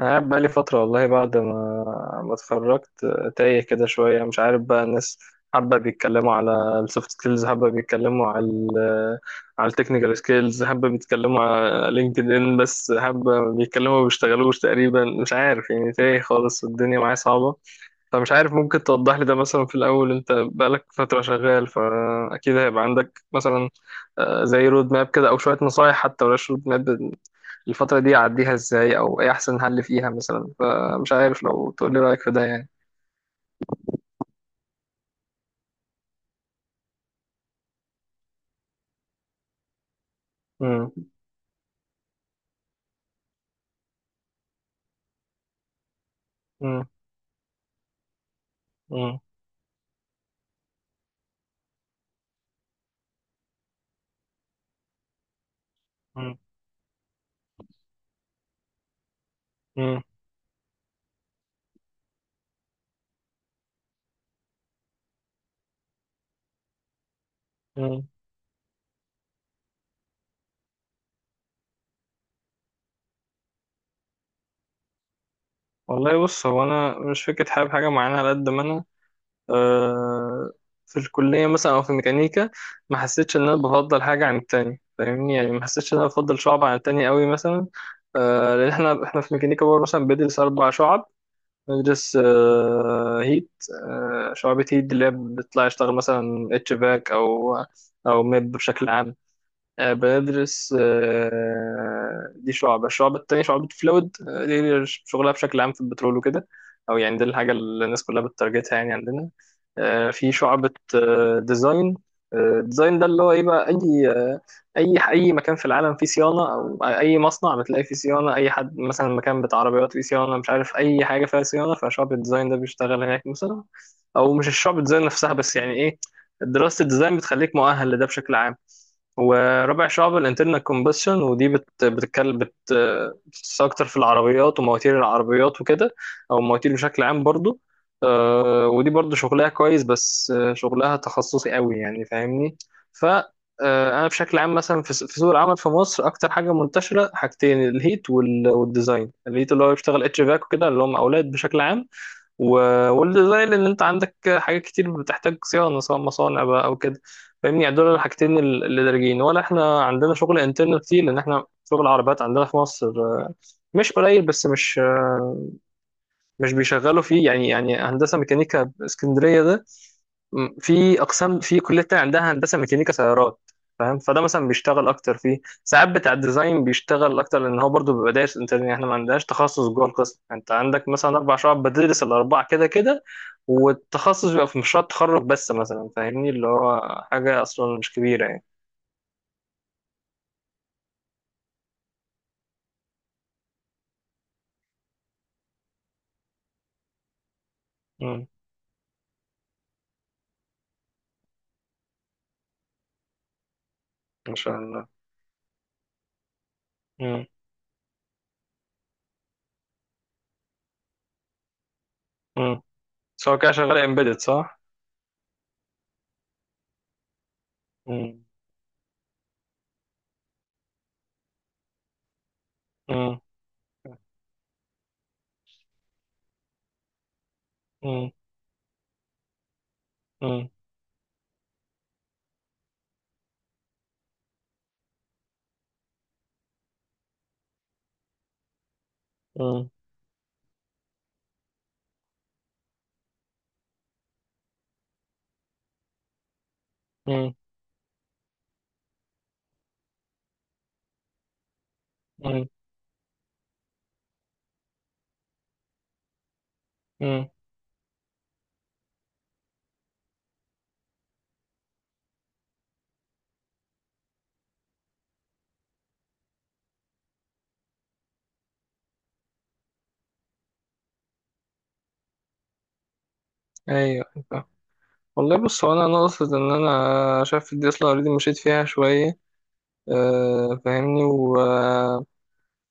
أنا قاعد بقالي فترة، والله بعد ما اتخرجت. تايه كده شوية، مش عارف بقى. الناس حابة بيتكلموا على السوفت سكيلز، حابة بيتكلموا على ال على التكنيكال سكيلز، حابة بيتكلموا على لينكد ان، بس حابة بيتكلموا ما بيشتغلوش تقريبا. مش عارف يعني، تايه خالص والدنيا معايا صعبة. فمش عارف، ممكن توضح لي ده مثلا؟ في الأول أنت بقالك فترة شغال، فأكيد هيبقى عندك مثلا زي رود ماب كده، أو شوية نصايح حتى، ولاش رود ماب الفترة دي أعديها إزاي، أو إيه أحسن حل فيها مثلا. فمش عارف، لو تقول لي رأيك في ده يعني. مم. مم. مم. مم. مم. مم. والله بص، هو أنا مش فكرة حابب حاجة معينة، على قد ما أنا آه في الكلية مثلا أو في الميكانيكا ما حسيتش إن أنا بفضل حاجة عن التاني، فاهمني يعني؟ ما حسيتش إن أنا بفضل شعب عن التاني قوي مثلا. لأن إحنا في ميكانيكا برضه مثلا بندرس أربع شعب. ندرس هيت. شعبة هيت اللي هي بتطلع يشتغل مثلا اتش باك او ميب بشكل عام. بدرس دي شعبة الشعبة التانية شعبة فلويد. دي شغلها بشكل عام في البترول وكده. أو يعني دي الحاجة اللي الناس كلها بتترجتها يعني عندنا. في شعبة آه، ديزاين آه، ديزاين. ده اللي هو ايه بقى، اي آه، اي اي مكان في العالم فيه صيانه، او اي مصنع بتلاقي فيه صيانه، اي حد مثلا مكان بتاع عربيات فيه صيانه، مش عارف اي حاجه فيها صيانه، فشعبة الديزاين ده بيشتغل هناك مثلا. او مش الشعبة الديزاين نفسها، بس يعني ايه، دراسه الديزاين بتخليك مؤهل لده بشكل عام. ورابع شعب الانترنال كومبشن، ودي بت بتتكلم بت بتتخصص اكتر في العربيات ومواتير العربيات وكده، او المواتير بشكل عام برضو. ودي برضو شغلها كويس، بس شغلها تخصصي قوي يعني، فاهمني؟ ف آه، انا بشكل عام مثلا في سوق العمل في مصر، اكتر حاجه منتشره حاجتين، الهيت والديزاين. الهيت اللي هو بيشتغل اتش فاك وكده، اللي هم اولاد بشكل عام. والديزاين ان انت عندك حاجات كتير بتحتاج صيانه، سواء مصانع بقى او كده. فاهمني يعني، دول الحاجتين اللي دارجين. ولا احنا عندنا شغل انترنال كتير، لان احنا شغل عربيات عندنا في مصر مش قليل، بس مش مش بيشغلوا فيه يعني. يعني هندسه ميكانيكا اسكندريه ده، في اقسام في كليه تانية عندها هندسه ميكانيكا سيارات، فاهم؟ فده مثلا بيشتغل اكتر فيه. ساعات بتاع الديزاين بيشتغل اكتر، لان هو برضو بيبقى دارس. انت احنا ما عندناش تخصص جوه القسم، انت عندك مثلا اربع شعب، بتدرس الاربعه كده كده. والتخصص بيبقى في مشروع التخرج بس مثلا، فاهمني؟ اللي هو حاجه اصلا مش كبيره يعني. امم. ما شاء الله. امم. امم. سواء كده شغال امبيدد، صح؟ امم. امم. امم. امم. امم. امم. امم. ايوه. والله بص، هو انا ناقص ان انا شايف الدي اس ال ار دي مشيت فيها شويه، فاهمني، و آه،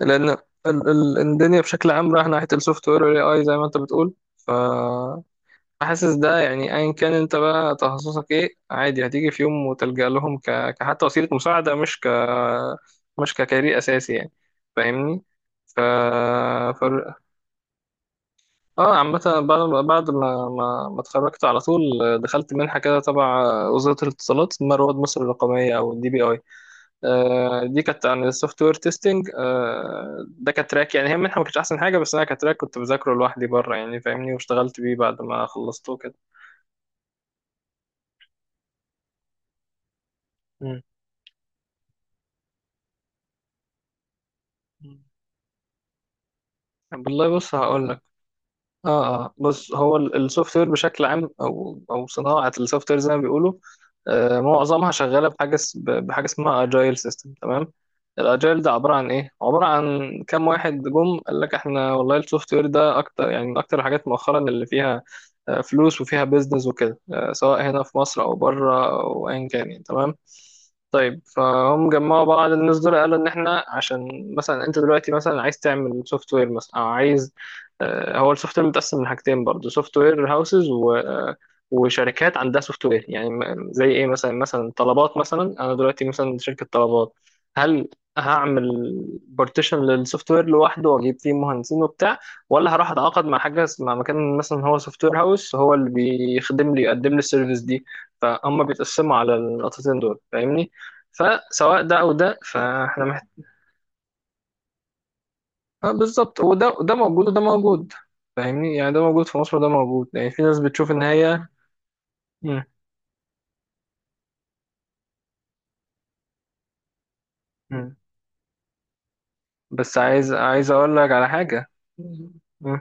لان الدنيا بشكل عام رايحه ناحيه السوفت وير والاي اي، زي ما انت بتقول. ف حاسس ده يعني، ايا كان انت بقى تخصصك ايه، عادي هتيجي في يوم وتلجأ لهم كحتى وسيله مساعده، مش ككارير اساسي يعني، فاهمني؟ ف... اه عامة بعد ما اتخرجت على طول، دخلت منحة كده تبع وزارة الاتصالات، اسمها رواد مصر الرقمية أو الدي بي أي. دي كانت عن السوفت وير تيستنج. ده كتراك يعني، هي منحة ما كانتش أحسن حاجة، بس أنا كتراك كنت بذاكره لوحدي بره يعني، فاهمني؟ واشتغلت بيه بعد ما خلصته كده. مم. والله بص، هقول لك. اه بص، هو السوفت وير بشكل عام، او صناعه السوفت وير زي ما بيقولوا. معظمها شغاله بحاجه اسمها اجايل سيستم، تمام. الاجايل ده عباره عن ايه، عباره عن كام واحد جم قال لك احنا والله السوفت وير ده اكتر يعني من اكتر الحاجات مؤخرا اللي فيها فلوس وفيها بيزنس وكده، سواء هنا في مصر او بره او ايا كان يعني، تمام. طيب، فهم جمعوا بعض الناس دول قالوا ان احنا عشان مثلا انت دلوقتي مثلا عايز تعمل سوفت وير مثلا، او عايز هو السوفت وير متقسم من حاجتين برضه، سوفت وير هاوسز و آه، وشركات عندها سوفت وير. يعني زي ايه مثلا طلبات مثلا. انا دلوقتي مثلا شركة طلبات، هل هعمل بارتيشن للسوفت وير لوحده واجيب فيه مهندسين وبتاع، ولا هروح اتعاقد مع حاجه مع مكان مثلا هو سوفت وير هاوس هو اللي بيخدم لي يقدم لي السيرفيس دي؟ فهم بيتقسموا على النقطتين دول، فاهمني؟ فسواء ده او ده، فاحنا محتاج. بالظبط، وده وده موجود وده موجود. فاهمني يعني، ده موجود في مصر وده موجود، يعني في ناس بتشوف ان هي. مم. مم. بس عايز اقول لك على حاجه. مم.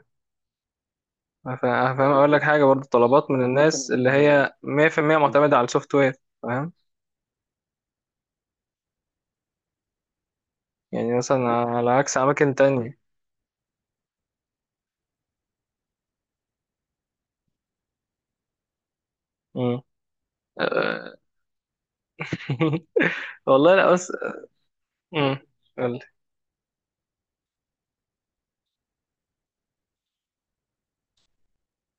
فاهم، اقول لك حاجه برضو، طلبات من الناس اللي هي 100% معتمده على السوفت وير، فاهم؟ يعني مثلا على عكس اماكن تانية. مم. أه. والله لا، بس. مم. قول لي.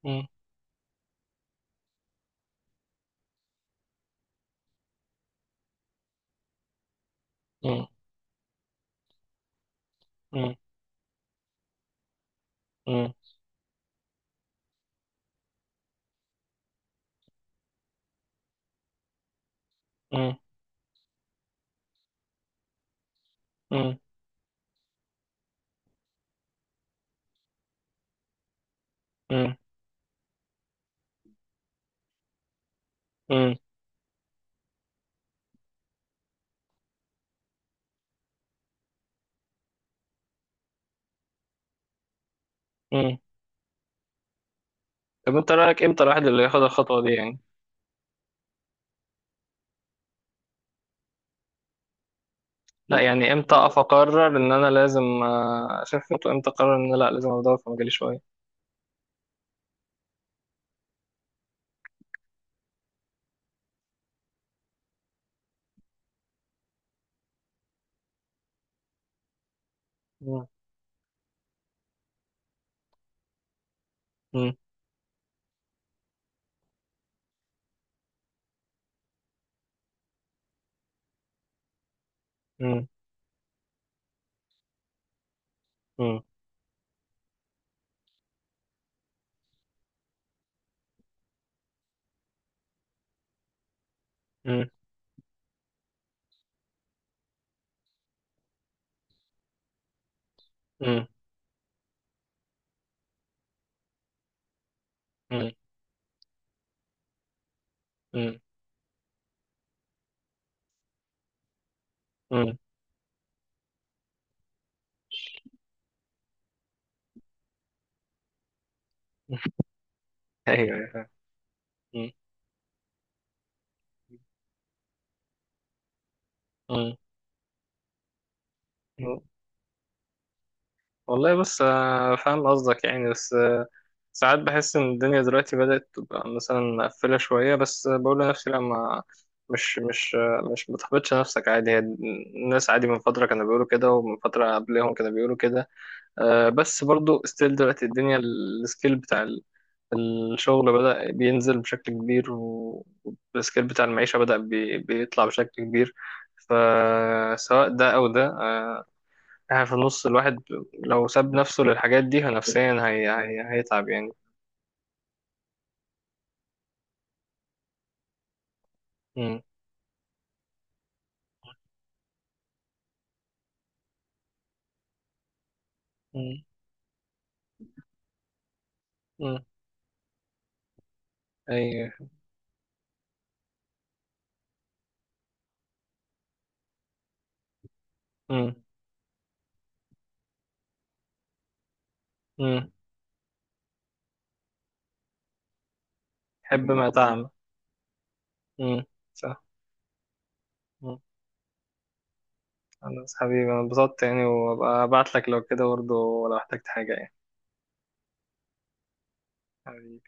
مم. مم. مم. مم. مم. مم. مم. مم. طب انت رايك امتى الواحد اللي ياخد الخطوه دي يعني؟ لا يعني امتى اقف اقرر ان انا لازم اشوف خطوه، امتى اقرر ان أنا لا، لازم ادور في مجالي شويه؟ مم. مم. مم. مم. مم. مم. مم. مم. مم. ايوه. أيوة، فاهم. مم. مم. مم. والله، بس فاهم قصدك يعني، بس ساعات بحس ان الدنيا دلوقتي بدأت تبقى مثلا مقفلة شوية. بس بقول لنفسي لا، ما، مش متحبطش نفسك، عادي، هي الناس عادي من فترة كانوا بيقولوا كده، ومن فترة قبلهم كانوا بيقولوا كده. بس برضو ستيل دلوقتي الدنيا، السكيل بتاع الشغل بدأ بينزل بشكل كبير، والسكيل بتاع المعيشة بدأ بيطلع بشكل كبير. فسواء ده أو ده يعني، في النص الواحد لو ساب نفسه للحاجات دي نفسيا، هي هيتعب يعني. مم. مم. مم. أي. مم. مم. حب ما تعمل. مم. صح. مم. خلاص حبيبي، أنا اتبسطت يعني، وأبقى أبعت لك لو كده برضه، لو احتجت حاجة يعني. حبيبي.